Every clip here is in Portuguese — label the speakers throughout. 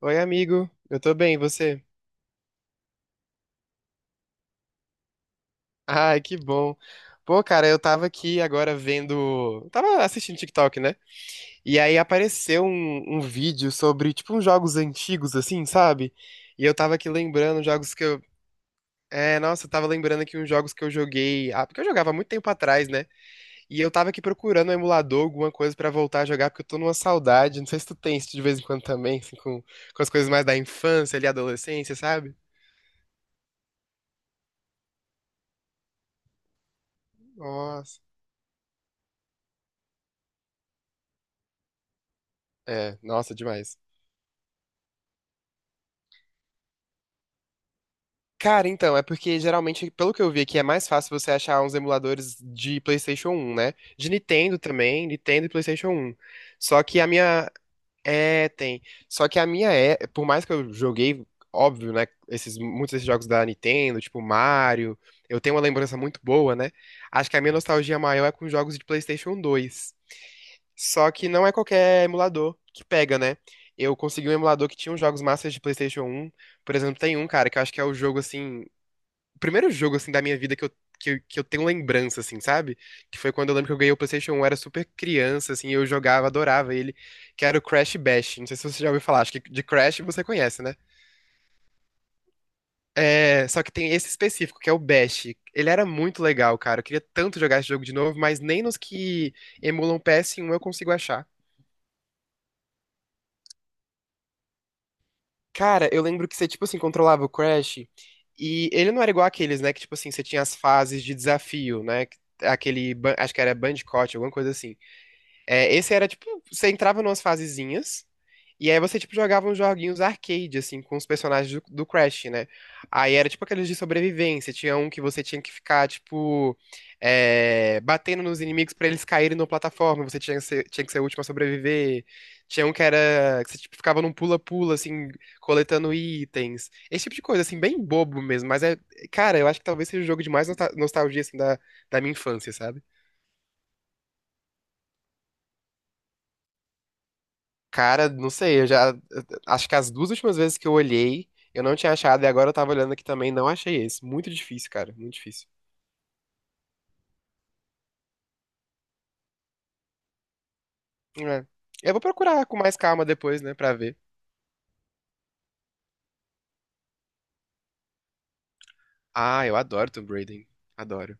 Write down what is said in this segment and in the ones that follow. Speaker 1: Oi, amigo. Eu tô bem, e você? Ai, que bom. Pô, cara, eu tava aqui agora vendo. Tava assistindo TikTok, né? E aí apareceu um vídeo sobre, tipo, uns jogos antigos, assim, sabe? E eu tava aqui lembrando jogos que eu. É, nossa, eu tava lembrando aqui uns jogos que eu joguei. Ah, porque eu jogava há muito tempo atrás, né? E eu tava aqui procurando um emulador, alguma coisa pra voltar a jogar, porque eu tô numa saudade. Não sei se tu tem isso de vez em quando também, assim, com as coisas mais da infância ali, adolescência, sabe? Nossa. É, nossa, demais. Cara, então, é porque geralmente, pelo que eu vi aqui, é mais fácil você achar uns emuladores de PlayStation 1, né? De Nintendo também, Nintendo e PlayStation 1. Só que a minha, é, tem. Só que a minha é, por mais que eu joguei, óbvio, né, esses muitos desses jogos da Nintendo, tipo Mario, eu tenho uma lembrança muito boa, né? Acho que a minha nostalgia maior é com jogos de PlayStation 2. Só que não é qualquer emulador que pega, né? Eu consegui um emulador que tinha os jogos massas de PlayStation 1. Por exemplo, tem um, cara, que eu acho que é o jogo assim o primeiro jogo, assim, da minha vida que eu tenho lembrança, assim, sabe? Que foi quando eu lembro que eu ganhei o PlayStation 1, eu era super criança, assim, eu jogava, adorava ele, que era o Crash Bash. Não sei se você já ouviu falar, acho que de Crash você conhece, né? É, só que tem esse específico, que é o Bash. Ele era muito legal, cara. Eu queria tanto jogar esse jogo de novo, mas nem nos que emulam PS1 eu consigo achar. Cara, eu lembro que você, tipo assim, controlava o Crash e ele não era igual aqueles, né? Que, tipo assim, você tinha as fases de desafio, né? Aquele, acho que era Bandicoot, alguma coisa assim. É, esse era tipo, você entrava numas fasezinhas, e aí você tipo jogava uns joguinhos arcade, assim, com os personagens do Crash, né? Aí era tipo aqueles de sobrevivência, tinha um que você tinha que ficar, tipo, batendo nos inimigos pra eles caírem na plataforma, você tinha que ser o último a sobreviver. Tinha um que era, que você tipo, ficava num pula-pula, assim, coletando itens. Esse tipo de coisa, assim, bem bobo mesmo, mas é, cara, eu acho que talvez seja o jogo de mais nostalgia, assim, da minha infância, sabe? Cara, não sei, eu já. Acho que as duas últimas vezes que eu olhei, eu não tinha achado, e agora eu tava olhando aqui também, não achei esse. Muito difícil, cara, muito difícil. É. Eu vou procurar com mais calma depois, né, pra ver. Ah, eu adoro Tomb Raider. Adoro.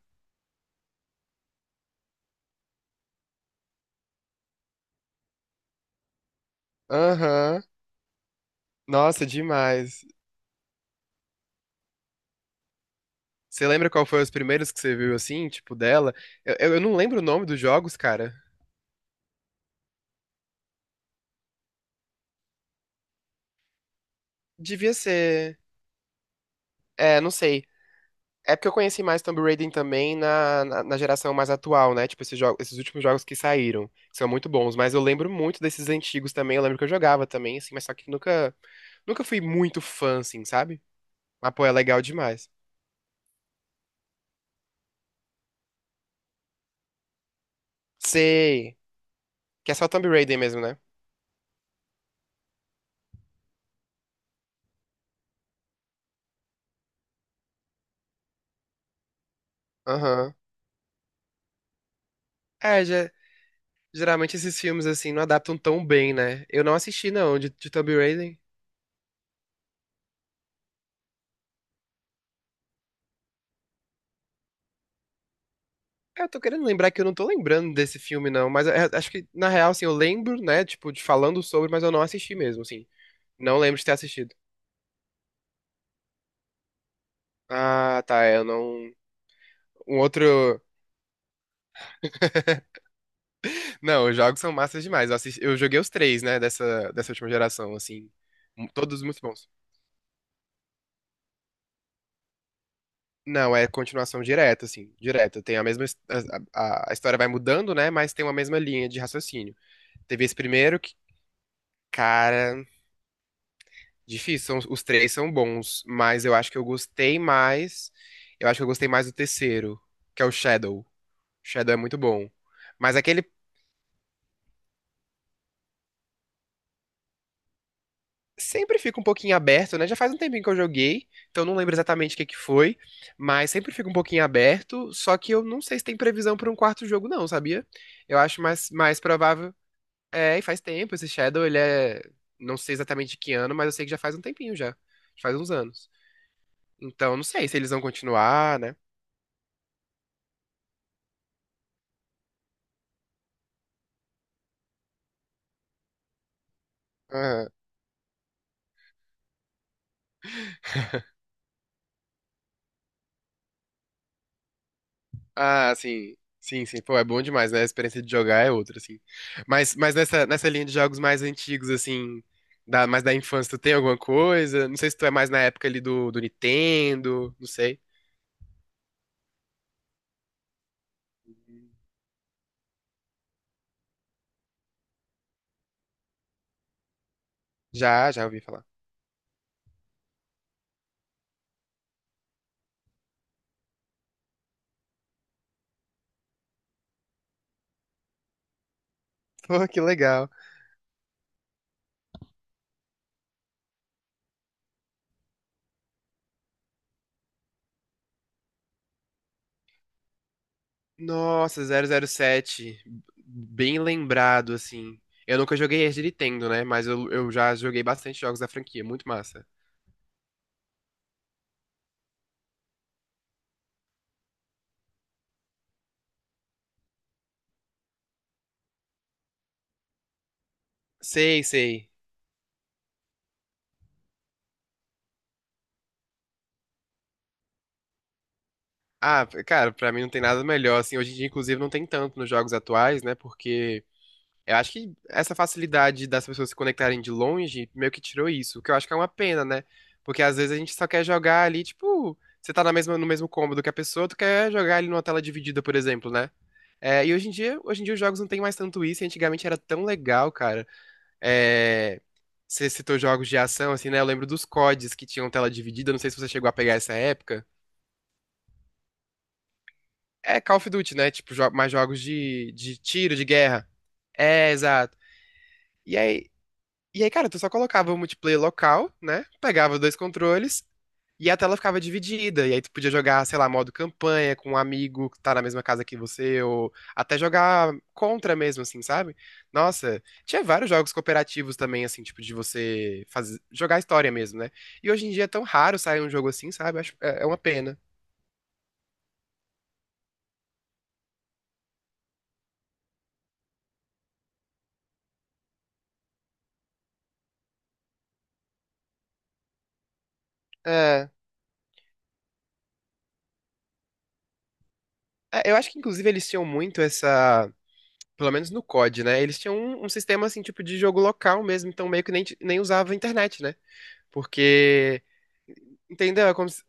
Speaker 1: Aham. Nossa, demais. Você lembra qual foi os primeiros que você viu assim, tipo, dela? Eu não lembro o nome dos jogos, cara. Devia ser. É, não sei. É porque eu conheci mais Tomb Raider também na geração mais atual, né? Tipo, esses, jogos, esses últimos jogos que saíram, que são muito bons. Mas eu lembro muito desses antigos também. Eu lembro que eu jogava também, assim, mas só que nunca fui muito fã, assim, sabe? Mas, pô, é legal demais. Sei. Que é só Tomb Raider mesmo, né? Aham. É, geralmente esses filmes, assim, não adaptam tão bem, né? Eu não assisti, não, de Tomb Raider. É, eu tô querendo lembrar que eu não tô lembrando desse filme, não. Mas é, acho que, na real, assim, eu lembro, né? Tipo, de falando sobre, mas eu não assisti mesmo, assim. Não lembro de ter assistido. Ah, tá, é, eu não. Um outro. Não, os jogos são massas demais. Eu joguei os três, né, dessa última geração, assim. Todos muito bons. Não, é continuação direta, assim, direta. Tem a mesma. A história vai mudando, né, mas tem uma mesma linha de raciocínio. Teve esse primeiro que, cara, difícil. Os três são bons, mas eu acho que eu gostei mais. Eu acho que eu gostei mais do terceiro, que é o Shadow. Shadow é muito bom. Mas aquele sempre fica um pouquinho aberto, né? Já faz um tempinho que eu joguei, então não lembro exatamente o que que foi, mas sempre fica um pouquinho aberto, só que eu não sei se tem previsão para um quarto jogo não, sabia? Eu acho mais, mais provável. É, e faz tempo, esse Shadow, ele é, não sei exatamente de que ano, mas eu sei que já faz um tempinho já, já faz uns anos. Então não sei se eles vão continuar, né? Ah, sim. Sim, sim. Pô, é bom demais, né? A experiência de jogar é outra, assim. Mas nessa linha de jogos mais antigos, assim, da, mais da infância, tu tem alguma coisa? Não sei se tu é mais na época ali do Nintendo, não sei. Já, já ouvi falar. Pô, que legal. Nossa, 007, bem lembrado, assim. Eu nunca joguei esse de Nintendo, né? Mas eu já joguei bastante jogos da franquia. Muito massa. Sei, sei. Ah, cara, pra mim não tem nada melhor, assim. Hoje em dia, inclusive, não tem tanto nos jogos atuais, né? Porque eu acho que essa facilidade das pessoas se conectarem de longe meio que tirou isso, o que eu acho que é uma pena, né? Porque às vezes a gente só quer jogar ali, tipo, você tá na mesma, no mesmo cômodo que a pessoa, tu quer jogar ali numa tela dividida, por exemplo, né? É, e hoje em dia os jogos não tem mais tanto isso, e antigamente era tão legal, cara. É, você citou jogos de ação, assim, né? Eu lembro dos CODs que tinham tela dividida, não sei se você chegou a pegar essa época. É Call of Duty, né? Tipo, mais jogos de tiro, de guerra. É, exato. E aí, E aí, cara, tu só colocava o multiplayer local, né? Pegava os dois controles e a tela ficava dividida. E aí tu podia jogar, sei lá, modo campanha com um amigo que tá na mesma casa que você, ou até jogar contra mesmo, assim, sabe? Nossa, tinha vários jogos cooperativos também, assim, tipo, de você fazer, jogar história mesmo, né? E hoje em dia é tão raro sair um jogo assim, sabe? É uma pena. É, é, eu acho que inclusive eles tinham muito essa. Pelo menos no COD, né? Eles tinham um sistema assim, tipo de jogo local mesmo, então meio que nem, nem usava internet, né? Porque. Entendeu? É como se.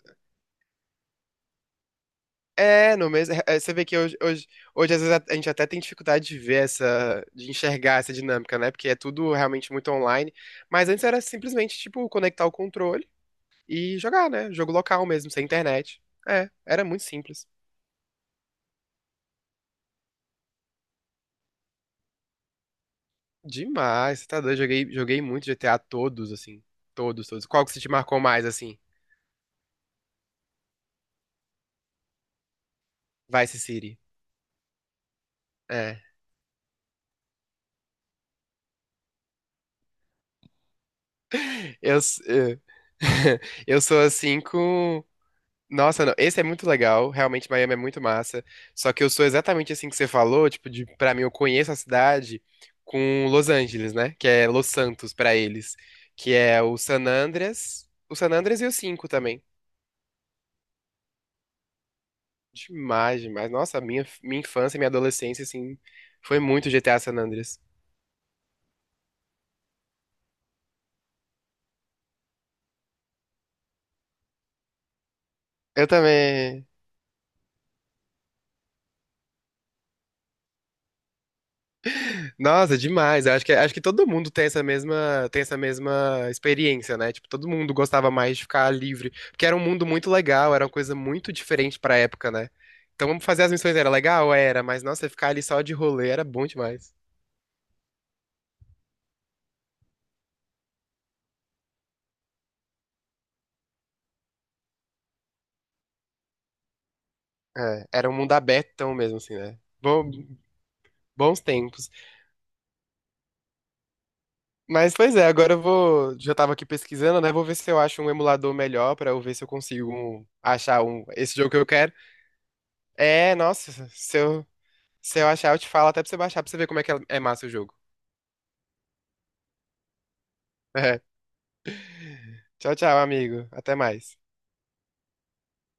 Speaker 1: É, não mesmo. É, é, você vê que hoje, às vezes, a gente até tem dificuldade de ver essa, de enxergar essa dinâmica, né? Porque é tudo realmente muito online. Mas antes era simplesmente, tipo, conectar o controle e jogar, né? Jogo local mesmo, sem internet. É, era muito simples. Demais, você tá doido. Joguei muito GTA todos, assim. Todos, todos. Qual que se te marcou mais, assim? Vice City. É. Eu, eu sou assim com. Nossa, não. Esse é muito legal. Realmente, Miami é muito massa. Só que eu sou exatamente assim que você falou. Tipo, de, pra mim, eu conheço a cidade com Los Angeles, né? Que é Los Santos pra eles. Que é o San Andreas. O San Andreas e o 5 também. Demais, demais. Nossa, minha infância, minha adolescência, assim, foi muito GTA San Andreas. Eu também. Nossa, demais. Eu acho que todo mundo tem essa mesma, experiência, né? Tipo, todo mundo gostava mais de ficar livre, porque era um mundo muito legal, era uma coisa muito diferente pra época, né? Então, vamos fazer as missões era legal? Era, mas nossa, ficar ali só de rolê era bom demais. É, era um mundo abertão mesmo, assim, né? Bons tempos. Mas, pois é, agora eu vou. Já tava aqui pesquisando, né? Vou ver se eu acho um emulador melhor pra eu ver se eu consigo achar um, esse jogo que eu quero. É, nossa, se eu achar, eu te falo até pra você baixar pra você ver como é que é massa o jogo. É. Tchau, tchau, amigo. Até mais.